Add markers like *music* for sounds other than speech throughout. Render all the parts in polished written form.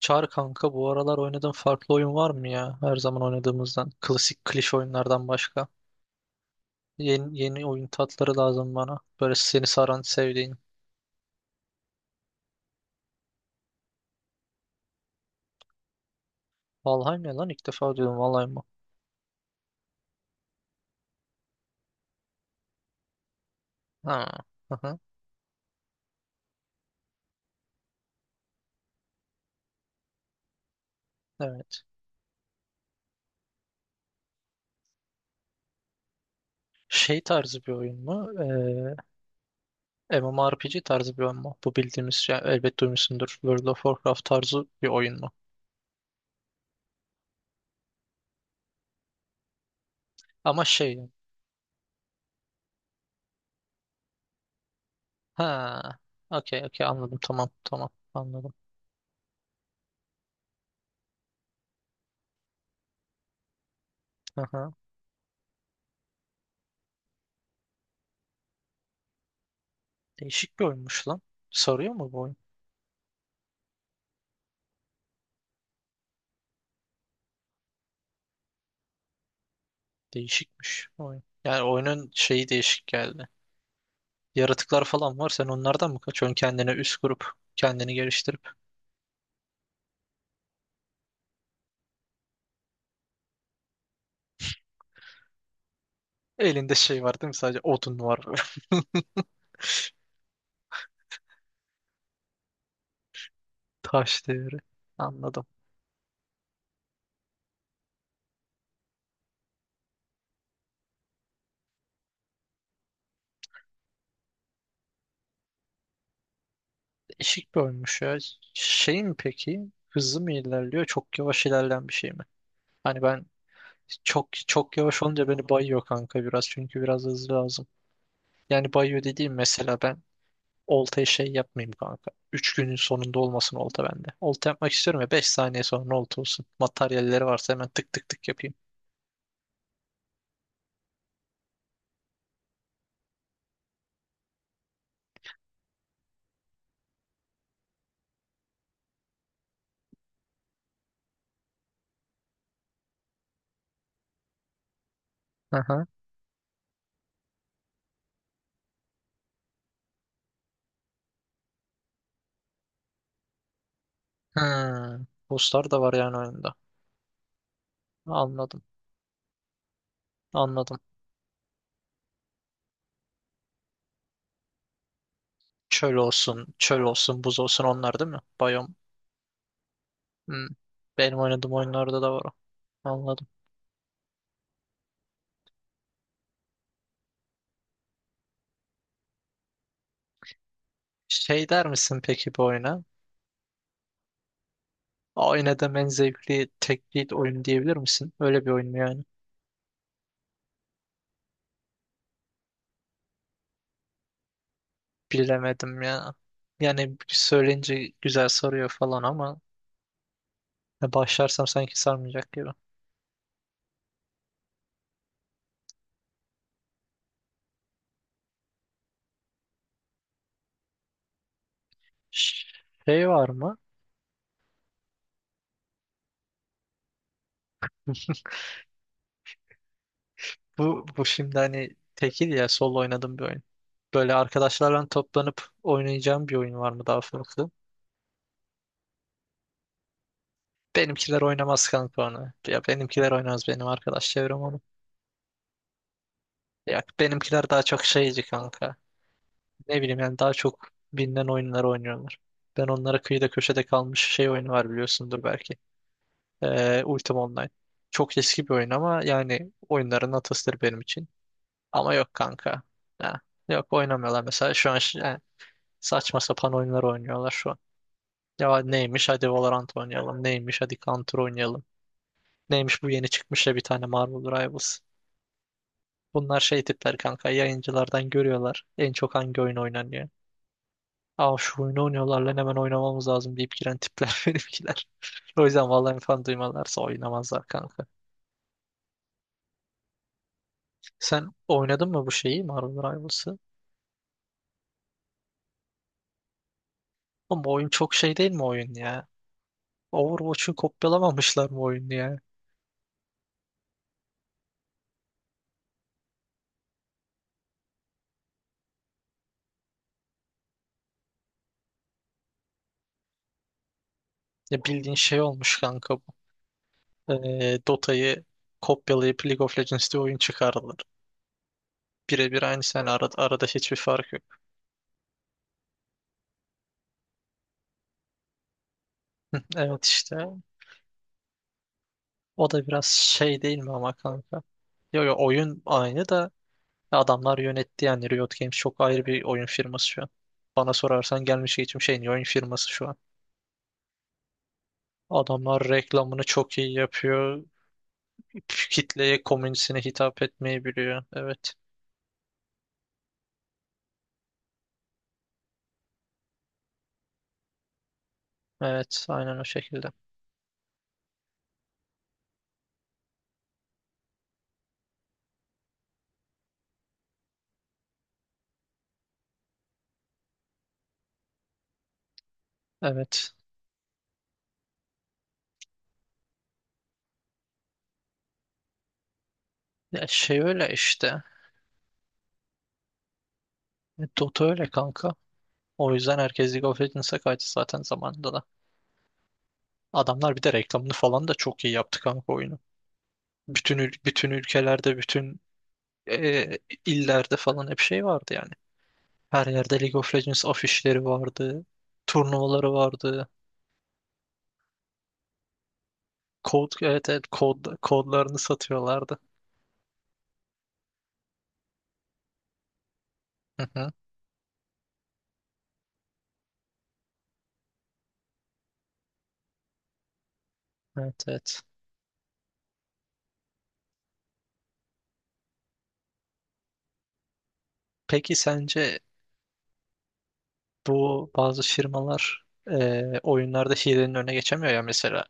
Çağır kanka, bu aralar oynadığın farklı oyun var mı ya? Her zaman oynadığımızdan. Klasik klişe oyunlardan başka. Yeni oyun tatları lazım bana. Böyle seni saran, sevdiğin. Valheim ya lan, ilk defa duydum. Valheim mı? Ha. Hı hı. Evet. Şey tarzı bir oyun mu? MMORPG tarzı bir oyun mu? Bu bildiğimiz yani, elbet duymuşsundur. World of Warcraft tarzı bir oyun mu? Ama şey. Ha. Okey, okey, anladım. Tamam, tamam, anladım. Hı hı. Değişik bir oyunmuş lan. Sarıyor mu bu oyun? Değişikmiş oyun. Yani oyunun şeyi değişik geldi. Yaratıklar falan var. Sen onlardan mı kaçıyorsun? Kendine üst kurup, kendini geliştirip. Elinde şey var değil mi? Sadece odun var. *laughs* Taş devri. Anladım. Değişik bir oyunmuş ya. Şey mi peki? Hızlı mı ilerliyor? Çok yavaş ilerleyen bir şey mi? Hani ben, çok çok yavaş olunca beni bayıyor kanka biraz. Çünkü biraz hızlı lazım. Yani bayıyor dediğim, mesela ben oltaya şey yapmayayım kanka. 3 günün sonunda olmasın olta bende. Olta yapmak istiyorum ya, 5 saniye sonra olta olsun. Materyalleri varsa hemen tık tık tık yapayım. Aha. Hmm. Bosslar da var yani oyunda. Anladım. Anladım. Çöl olsun, buz olsun, onlar değil mi? Biyom. Hmm. Benim oynadığım oyunlarda da var o. Anladım. Şey der misin peki bu oyuna? Oynadığım en zevkli tek lead oyun diyebilir misin? Öyle bir oyun mu yani? Bilemedim ya. Yani söyleyince güzel soruyor falan ama, ya başlarsam sanki sarmayacak gibi. Şey var mı? Bu şimdi hani tekil, ya solo oynadığım bir oyun. Böyle arkadaşlarla toplanıp oynayacağım bir oyun var mı daha farklı? Benimkiler oynamaz kanka onu. Ya benimkiler oynamaz, benim arkadaş çevrem onu. Ya benimkiler daha çok şeyci kanka. Ne bileyim yani, daha çok bilinen oyunları oynuyorlar. Ben onlara kıyıda köşede kalmış şey oyunu var, biliyorsundur belki. Ultima Online. Çok eski bir oyun ama yani oyunların atasıdır benim için. Ama yok kanka. Ha, yok, oynamıyorlar mesela. Şu an yani saçma sapan oyunlar oynuyorlar şu an. Ya neymiş, hadi Valorant oynayalım. Neymiş, hadi Counter oynayalım. Neymiş, bu yeni çıkmış ya bir tane, Marvel Rivals. Bunlar şey tipler kanka, yayıncılardan görüyorlar. En çok hangi oyun oynanıyor. Aa, şu oyunu oynuyorlar lan, hemen oynamamız lazım deyip giren tipler *laughs* benimkiler. O yüzden vallahi falan duymalarsa oynamazlar kanka. Sen oynadın mı bu şeyi, Marvel Rivals'ı? Ama oyun çok şey değil mi oyun ya? Overwatch'u kopyalamamışlar mı oyunu ya? Ya bildiğin şey olmuş kanka bu. Dota'yı kopyalayıp League of Legends diye oyun çıkardılar. Birebir aynı yani, arada hiçbir fark yok. *laughs* Hı, evet işte. O da biraz şey değil mi ama kanka? Yo, yo, oyun aynı da adamlar yönetti yani. Riot Games çok ayrı bir oyun firması şu an. Bana sorarsan gelmiş geçmiş en iyi oyun firması şu an. Adamlar reklamını çok iyi yapıyor. Kitleye, komünisine hitap etmeyi biliyor. Evet. Evet, aynen o şekilde. Evet. Ya şey, öyle işte. Dota öyle kanka. O yüzden herkes League of Legends'a kaçtı zaten zamanında da. Adamlar bir de reklamını falan da çok iyi yaptı kanka oyunu. Bütün ülkelerde, bütün e, illerde falan hep şey vardı yani. Her yerde League of Legends afişleri vardı. Turnuvaları vardı. Evet, evet, kodlarını satıyorlardı. Hı hı. Evet, evet. Peki sence bu bazı firmalar oyunlarda hilenin önüne geçemiyor ya mesela.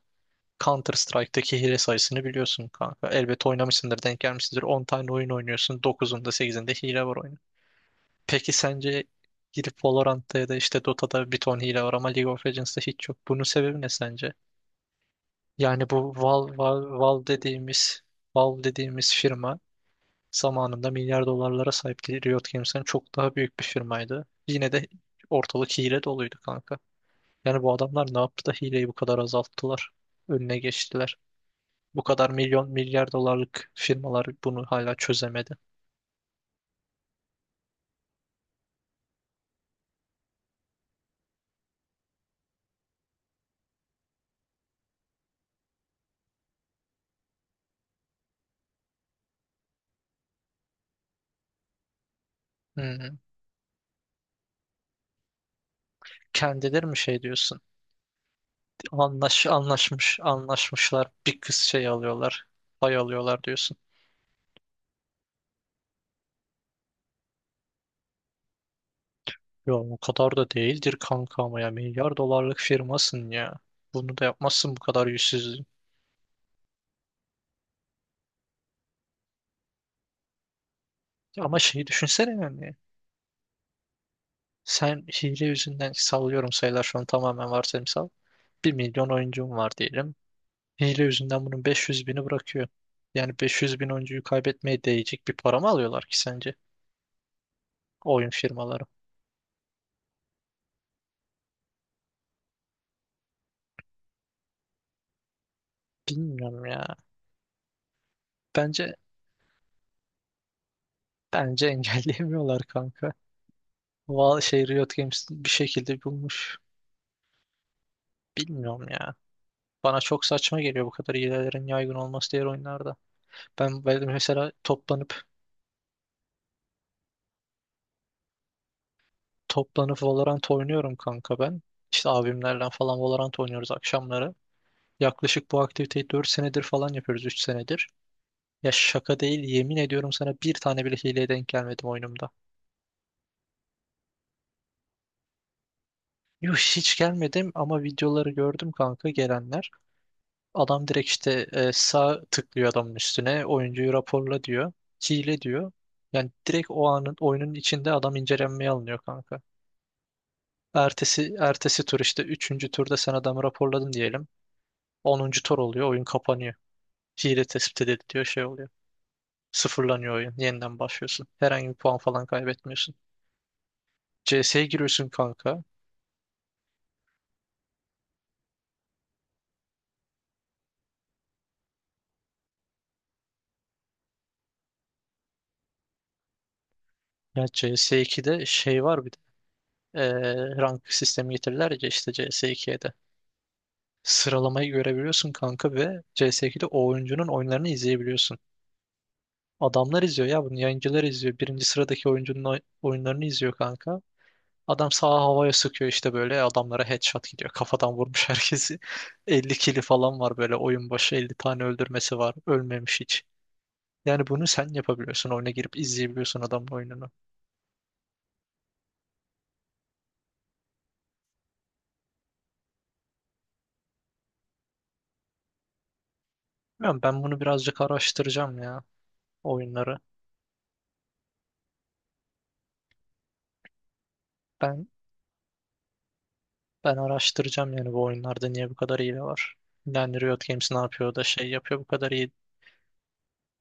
Counter Strike'daki hile sayısını biliyorsun kanka. Elbet oynamışsındır, denk gelmişsindir. 10 tane oyun oynuyorsun. Dokuzunda, sekizinde hile var oyunun. Peki sence, girip Valorant'ta ya da işte Dota'da bir ton hile var ama League of Legends'ta hiç yok. Bunun sebebi ne sence? Yani bu Valve dediğimiz firma, zamanında milyar dolarlara sahipti. Riot Games'ten çok daha büyük bir firmaydı. Yine de ortalık hile doluydu kanka. Yani bu adamlar ne yaptı da hileyi bu kadar azalttılar, önüne geçtiler? Bu kadar milyon milyar dolarlık firmalar bunu hala çözemedi. Hmm. Kendileri mi şey diyorsun? Anlaşmışlar. Bir kız şey alıyorlar, pay alıyorlar diyorsun. Ya o kadar da değildir kanka ama ya, milyar dolarlık firmasın ya. Bunu da yapmazsın bu kadar yüzsüzlüğü. Ama şeyi düşünsene yani. Sen hile yüzünden, sallıyorum sayılar şu an tamamen varsayımsal. 1 milyon oyuncun var diyelim. Hile yüzünden bunun 500 bini bırakıyor. Yani 500 bin oyuncuyu kaybetmeye değecek bir para mı alıyorlar ki sence oyun firmaları? Bilmiyorum ya. Bence bence *laughs* engelleyemiyorlar kanka. Val şey Riot Games bir şekilde bulmuş. Bilmiyorum ya. Bana çok saçma geliyor bu kadar hilelerin yaygın olması diğer oyunlarda. Ben mesela toplanıp Valorant oynuyorum kanka ben. İşte abimlerle falan Valorant oynuyoruz akşamları. Yaklaşık bu aktiviteyi 4 senedir falan yapıyoruz, 3 senedir. Ya şaka değil, yemin ediyorum sana, bir tane bile hileye denk gelmedim oyunumda. Yuh, hiç gelmedim ama videoları gördüm kanka, gelenler. Adam direkt işte sağ tıklıyor adamın üstüne, oyuncuyu raporla diyor. Hile diyor. Yani direkt o anın oyunun içinde adam incelenmeye alınıyor kanka. Ertesi tur, işte üçüncü turda sen adamı raporladın diyelim. 10. tur oluyor, oyun kapanıyor. Hile tespit edildi diyor, şey oluyor. Sıfırlanıyor oyun, yeniden başlıyorsun. Herhangi bir puan falan kaybetmiyorsun. CS'ye giriyorsun kanka. Ya CS2'de şey var bir de rank sistemi getirdiler ya işte CS2'ye de. Sıralamayı görebiliyorsun kanka, ve CS2'de o oyuncunun oyunlarını izleyebiliyorsun. Adamlar izliyor ya bunu, yayıncılar izliyor. Birinci sıradaki oyuncunun oyunlarını izliyor kanka. Adam sağa havaya sıkıyor işte, böyle adamlara headshot gidiyor. *laughs* Kafadan vurmuş herkesi. *laughs* 50 kili falan var böyle, oyun başı 50 tane öldürmesi var. Ölmemiş hiç. Yani bunu sen yapabiliyorsun. Oyuna girip izleyebiliyorsun adamın oyununu. Bilmiyorum, ben bunu birazcık araştıracağım ya oyunları. Ben ben araştıracağım yani, bu oyunlarda niye bu kadar hile var. Yani Riot Games ne yapıyor da şey yapıyor bu kadar iyi.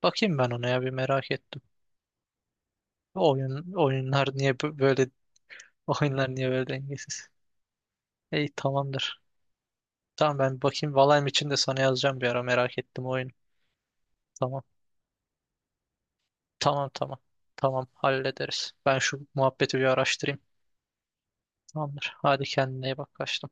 Bakayım ben ona ya, bir merak ettim. Oyun oyunlar niye bö- böyle *laughs* Oyunlar niye böyle dengesiz? İyi, tamamdır. Tamam, ben bakayım Valheim için de, sana yazacağım bir ara, merak ettim oyun. Tamam. Tamam, tamam. Tamam, hallederiz. Ben şu muhabbeti bir araştırayım. Tamamdır. Hadi kendine iyi bak, kaçtım.